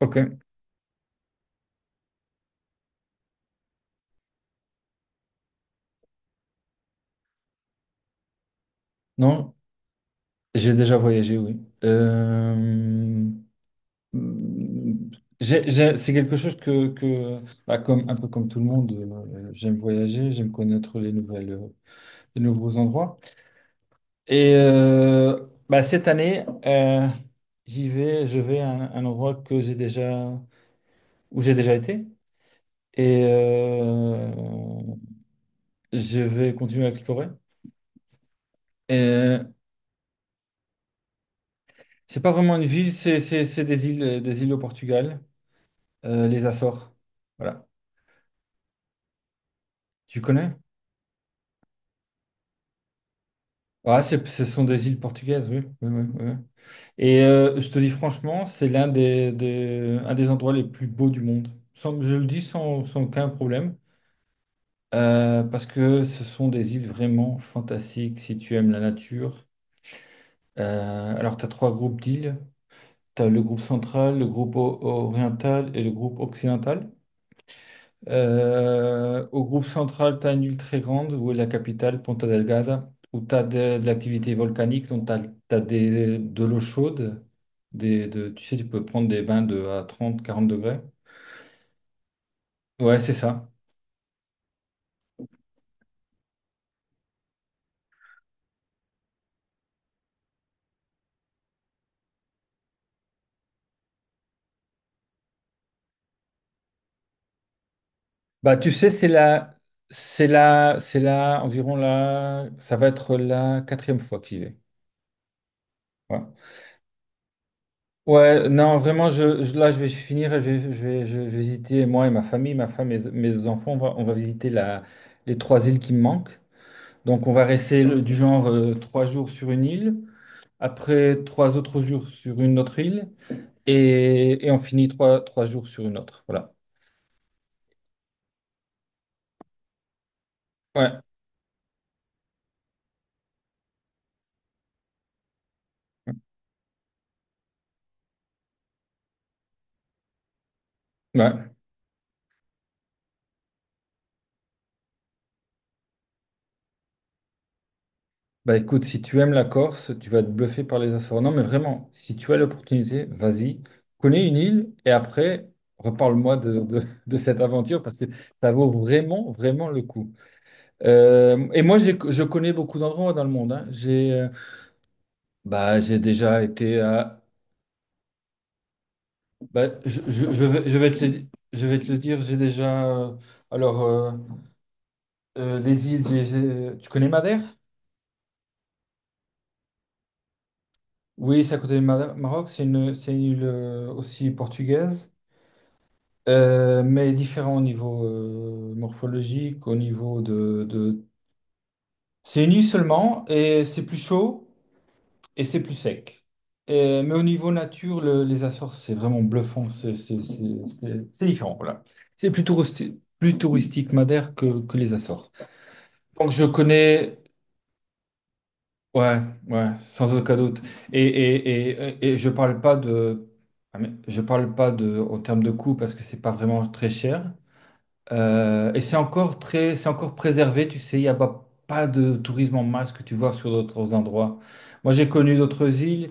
Ok, non, j'ai déjà voyagé, oui. Mm, c'est quelque chose que bah, comme, un peu comme tout le monde, j'aime voyager, j'aime connaître les nouvelles, les nouveaux endroits. Et bah, cette année, j'y vais, je vais à un endroit que j'ai déjà, où j'ai déjà été, et je vais continuer à explorer. Et c'est pas vraiment une ville, c'est des îles au Portugal. Les Açores. Voilà. Tu connais? Ah, ce sont des îles portugaises, oui. Oui, oui, oui. Oui. Et je te dis franchement, c'est un des endroits les plus beaux du monde. Je le dis sans aucun problème, parce que ce sont des îles vraiment fantastiques si tu aimes la nature. Alors, tu as trois groupes d'îles. Tu as le groupe central, le groupe oriental et le groupe occidental. Au groupe central, tu as une île très grande où est la capitale, Ponta Delgada, où tu as de l'activité volcanique, donc tu as, de l'eau chaude. Des, de, tu sais, tu peux prendre des bains de à 30 40 degrés. Ouais, c'est ça. Bah, tu sais, c'est la, c'est la, c'est la, environ la, ça va être la quatrième fois que j'y vais. Ouais. Ouais, non, vraiment, là, je vais finir, et je vais visiter, moi et ma famille, ma femme et mes enfants, on va visiter les trois îles qui me manquent. Donc, on va rester du genre 3 jours sur une île, après 3 autres jours sur une autre île, et on finit 3 jours sur une autre. Voilà. Ouais, ouais. Bah écoute, si tu aimes la Corse, tu vas être bluffé par les Açores. Non, mais vraiment, si tu as l'opportunité, vas-y, connais une île et après, reparle-moi de cette aventure parce que ça vaut vraiment, vraiment le coup. Et moi, je connais beaucoup d'endroits dans le monde, hein. J'ai bah, j'ai déjà été à Bah, je vais te le dire, alors, les îles, tu connais Madère? Oui, c'est à côté du Maroc, c'est une île aussi portugaise, mais différent au niveau morphologique, au niveau de- C'est une île seulement, et c'est plus chaud, et c'est plus sec. Mais au niveau nature, les Açores, c'est vraiment bluffant, c'est différent, voilà. C'est plus touristique Madère que les Açores. Donc je connais, ouais, ouais, sans aucun doute. Et je parle pas de, ah, mais je parle pas de, en termes de coût parce que c'est pas vraiment très cher. Et c'est encore très, c'est encore préservé. Tu sais, il n'y a pas de tourisme en masse que tu vois sur d'autres endroits. Moi, j'ai connu d'autres îles,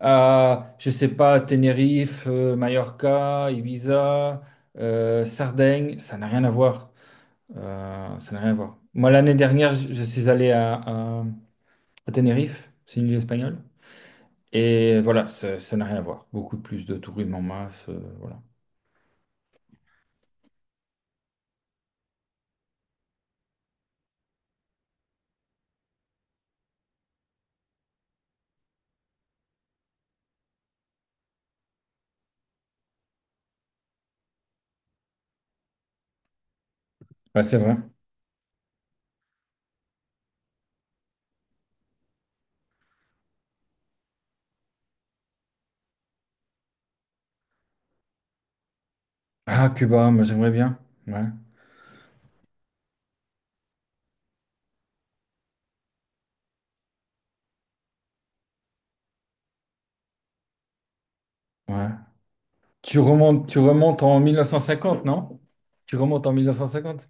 à, je sais pas, Tenerife, Mallorca, Ibiza, Sardaigne. Ça n'a rien à voir. Ça n'a rien à voir. Moi, l'année dernière, je suis allé à Tenerife, c'est une île espagnole. Et voilà, ça n'a rien à voir. Beaucoup plus de tourisme en masse, voilà. Ouais, c'est vrai. Ah, Cuba, moi j'aimerais bien. Ouais, ouais. Tu remontes en 1950, non? Tu remontes en 1950.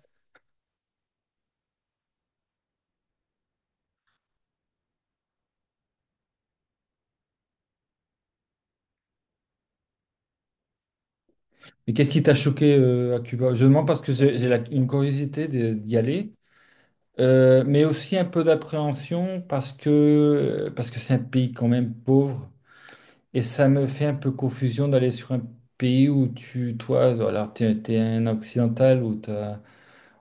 Mais qu'est-ce qui t'a choqué à Cuba? Je demande parce que j'ai une curiosité d'y aller, mais aussi un peu d'appréhension parce que c'est un pays quand même pauvre. Et ça me fait un peu confusion d'aller sur un pays où tu, toi, alors t'es un occidental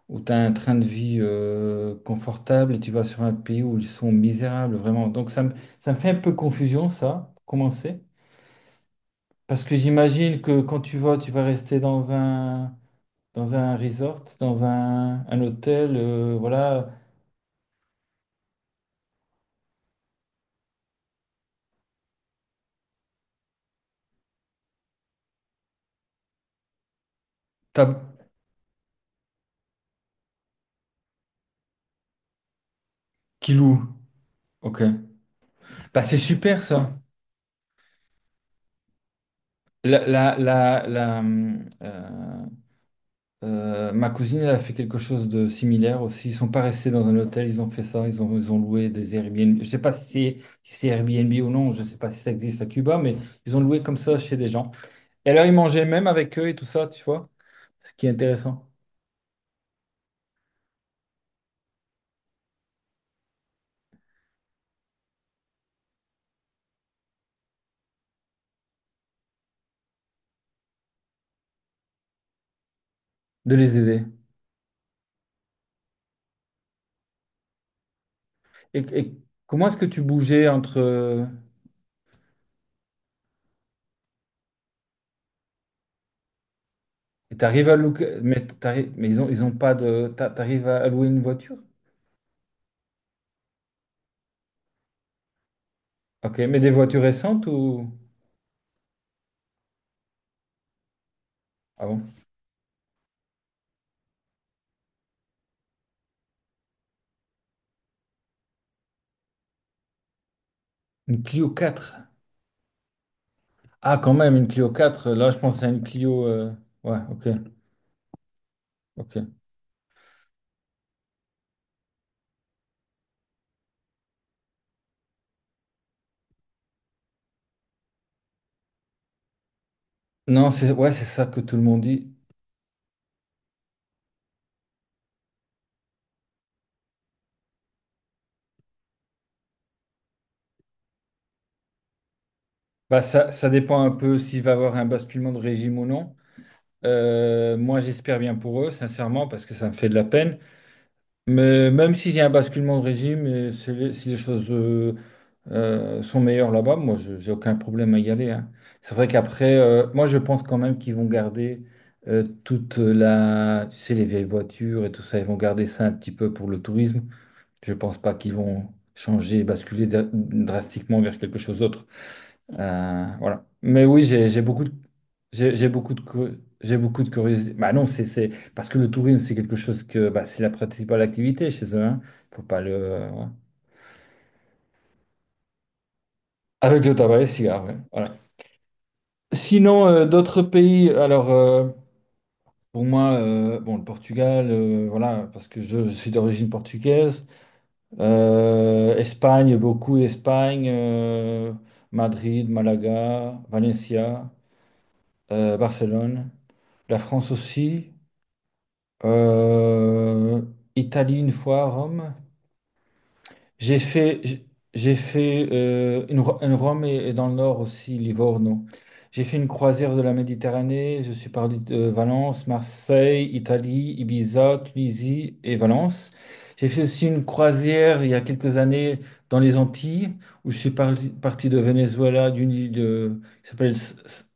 où t'as un train de vie confortable et tu vas sur un pays où ils sont misérables, vraiment. Donc ça me fait un peu confusion, ça, pour commencer. Parce que j'imagine que quand tu vas rester dans un resort, un hôtel, voilà, t'as- qui loue. Ok. Bah c'est super ça. La, la, la, la, hum, euh, Ma cousine, elle a fait quelque chose de similaire aussi. Ils sont pas restés dans un hôtel, ils ont fait ça, ils ont loué des Airbnb. Je sais pas si c'est Airbnb ou non, je sais pas si ça existe à Cuba, mais ils ont loué comme ça chez des gens. Et alors, ils mangeaient même avec eux et tout ça, tu vois, ce qui est intéressant, de les aider. Et comment est-ce que tu bougeais entre... Et t'arrives à louer. Mais, mais ils ont pas de. T'arrives à louer une voiture? Ok, mais des voitures récentes ou. Ah bon? Une Clio 4. Ah, quand même, une Clio 4. Là, je pense à une Clio. Ouais, ok, ok. Non, c'est ouais, c'est ça que tout le monde dit. Bah, ça dépend un peu s'il va y avoir un basculement de régime ou non. Moi, j'espère bien pour eux, sincèrement, parce que ça me fait de la peine. Mais même s'il y a un basculement de régime, et si les choses sont meilleures là-bas, moi, j'ai aucun problème à y aller, hein. C'est vrai qu'après, moi, je pense quand même qu'ils vont garder toute la, tu sais, les vieilles voitures et tout ça, ils vont garder ça un petit peu pour le tourisme. Je pense pas qu'ils vont changer, basculer drastiquement vers quelque chose d'autre. Voilà. Mais oui, j'ai beaucoup de curiosité. Bah non, parce que le tourisme, c'est quelque chose que bah, c'est la principale activité chez eux, hein. Faut pas le. Ouais. Avec le tabac et les cigares, ouais. Voilà. Sinon, d'autres pays. Alors, pour moi, bon, le Portugal, voilà, parce que je suis d'origine portugaise. Espagne, beaucoup Espagne, Madrid, Malaga, Valencia, Barcelone. La France aussi. Euh, Italie une fois, Rome. J'ai fait, j'ai j'ai fait une Rome et dans le nord aussi, Livorno. J'ai fait une croisière de la Méditerranée. Je suis parti de Valence, Marseille, Italie, Ibiza, Tunisie et Valence. J'ai fait aussi une croisière il y a quelques années dans les Antilles, où je suis parti de Venezuela, d'une île de, qui s'appelle,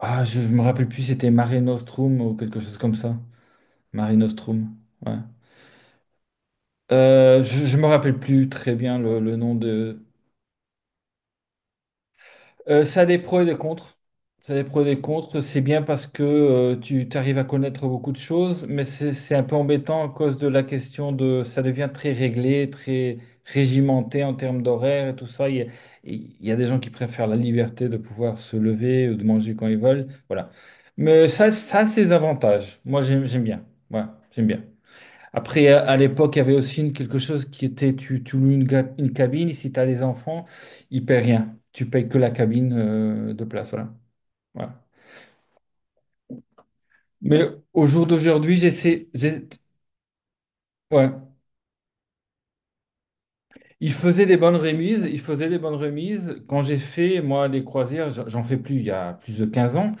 ah, je me rappelle plus, c'était Mare Nostrum ou quelque chose comme ça. Mare Nostrum, ouais. Je me rappelle plus très bien le nom de. Ça a des pros et des contres. Ça a des pros et des contres. C'est bien parce que tu arrives à connaître beaucoup de choses, mais c'est un peu embêtant à cause de la question de. Ça devient très réglé, très régimenté en termes d'horaire et tout ça. Il y a des gens qui préfèrent la liberté de pouvoir se lever ou de manger quand ils veulent. Voilà. Mais ça a ses avantages. Moi, j'aime bien. Voilà, j'aime bien. Après, à l'époque, il y avait aussi quelque chose qui était, tu loues une cabine, et si tu as des enfants, ils ne paient rien. Tu payes que la cabine de place, voilà. Voilà. Mais au jour d'aujourd'hui, j'essaie, ouais. Ils faisaient des bonnes remises, ils faisaient des bonnes remises. Quand j'ai fait, moi, les croisières, j'en fais plus il y a plus de 15 ans.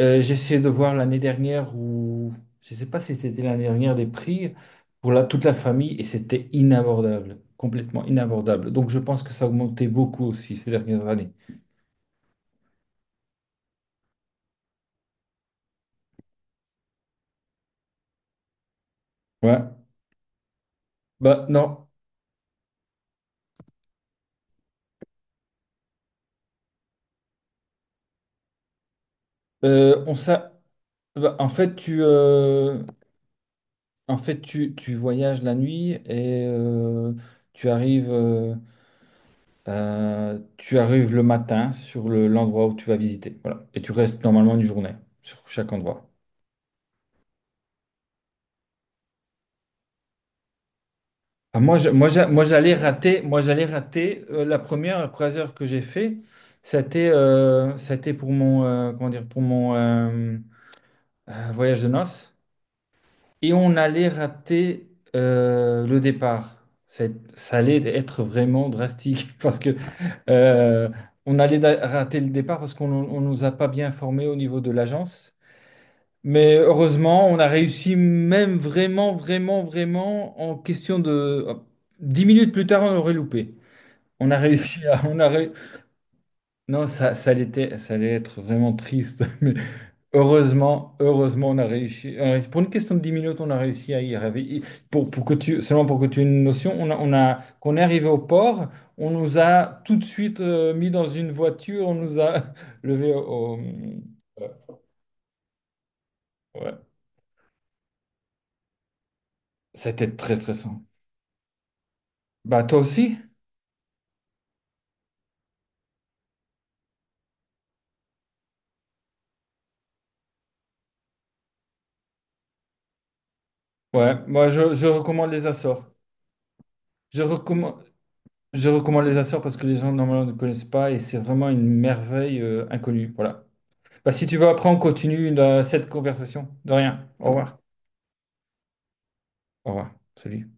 J'ai essayé de voir l'année dernière où je ne sais pas si c'était l'année dernière des prix pour toute la famille et c'était inabordable, complètement inabordable. Donc je pense que ça a augmenté beaucoup aussi ces dernières années. Ouais. Bah non. Euh, on s'a- Bah, en fait tu en fait tu voyages la nuit et tu arrives euh, tu arrives le matin sur l'endroit où tu vas visiter. Voilà. Et tu restes normalement une journée sur chaque endroit. Ah, moi, je- moi, j'a- moi, j'allais rater, moi, j'allais rater la première croisière que j'ai fait. C'était pour mon, comment dire, pour mon voyage de noces. Et on allait rater le départ. Ça allait être vraiment drastique parce que euh, on allait rater le départ parce qu'on nous a pas bien formés au niveau de l'agence. Mais heureusement, on a réussi même vraiment, vraiment, vraiment en question de. Hop, 10 minutes plus tard, on aurait loupé. On a réussi à. Non, ça allait être, vraiment triste. Mais heureusement, heureusement, on a réussi. Pour une question de 10 minutes, on a réussi à y arriver. Pour que tu, seulement pour que tu aies une notion, quand on est arrivé au port, on nous a tout de suite mis dans une voiture, on nous a levé euh, ouais. C'était très stressant. Bah toi aussi? Ouais, moi je recommande les Açores. Je recommande, je recommande les Açores parce que les gens normalement ne connaissent pas et c'est vraiment une merveille inconnue. Voilà. Bah, si tu veux après, on continue cette conversation. De rien. Au revoir. Au revoir. Salut.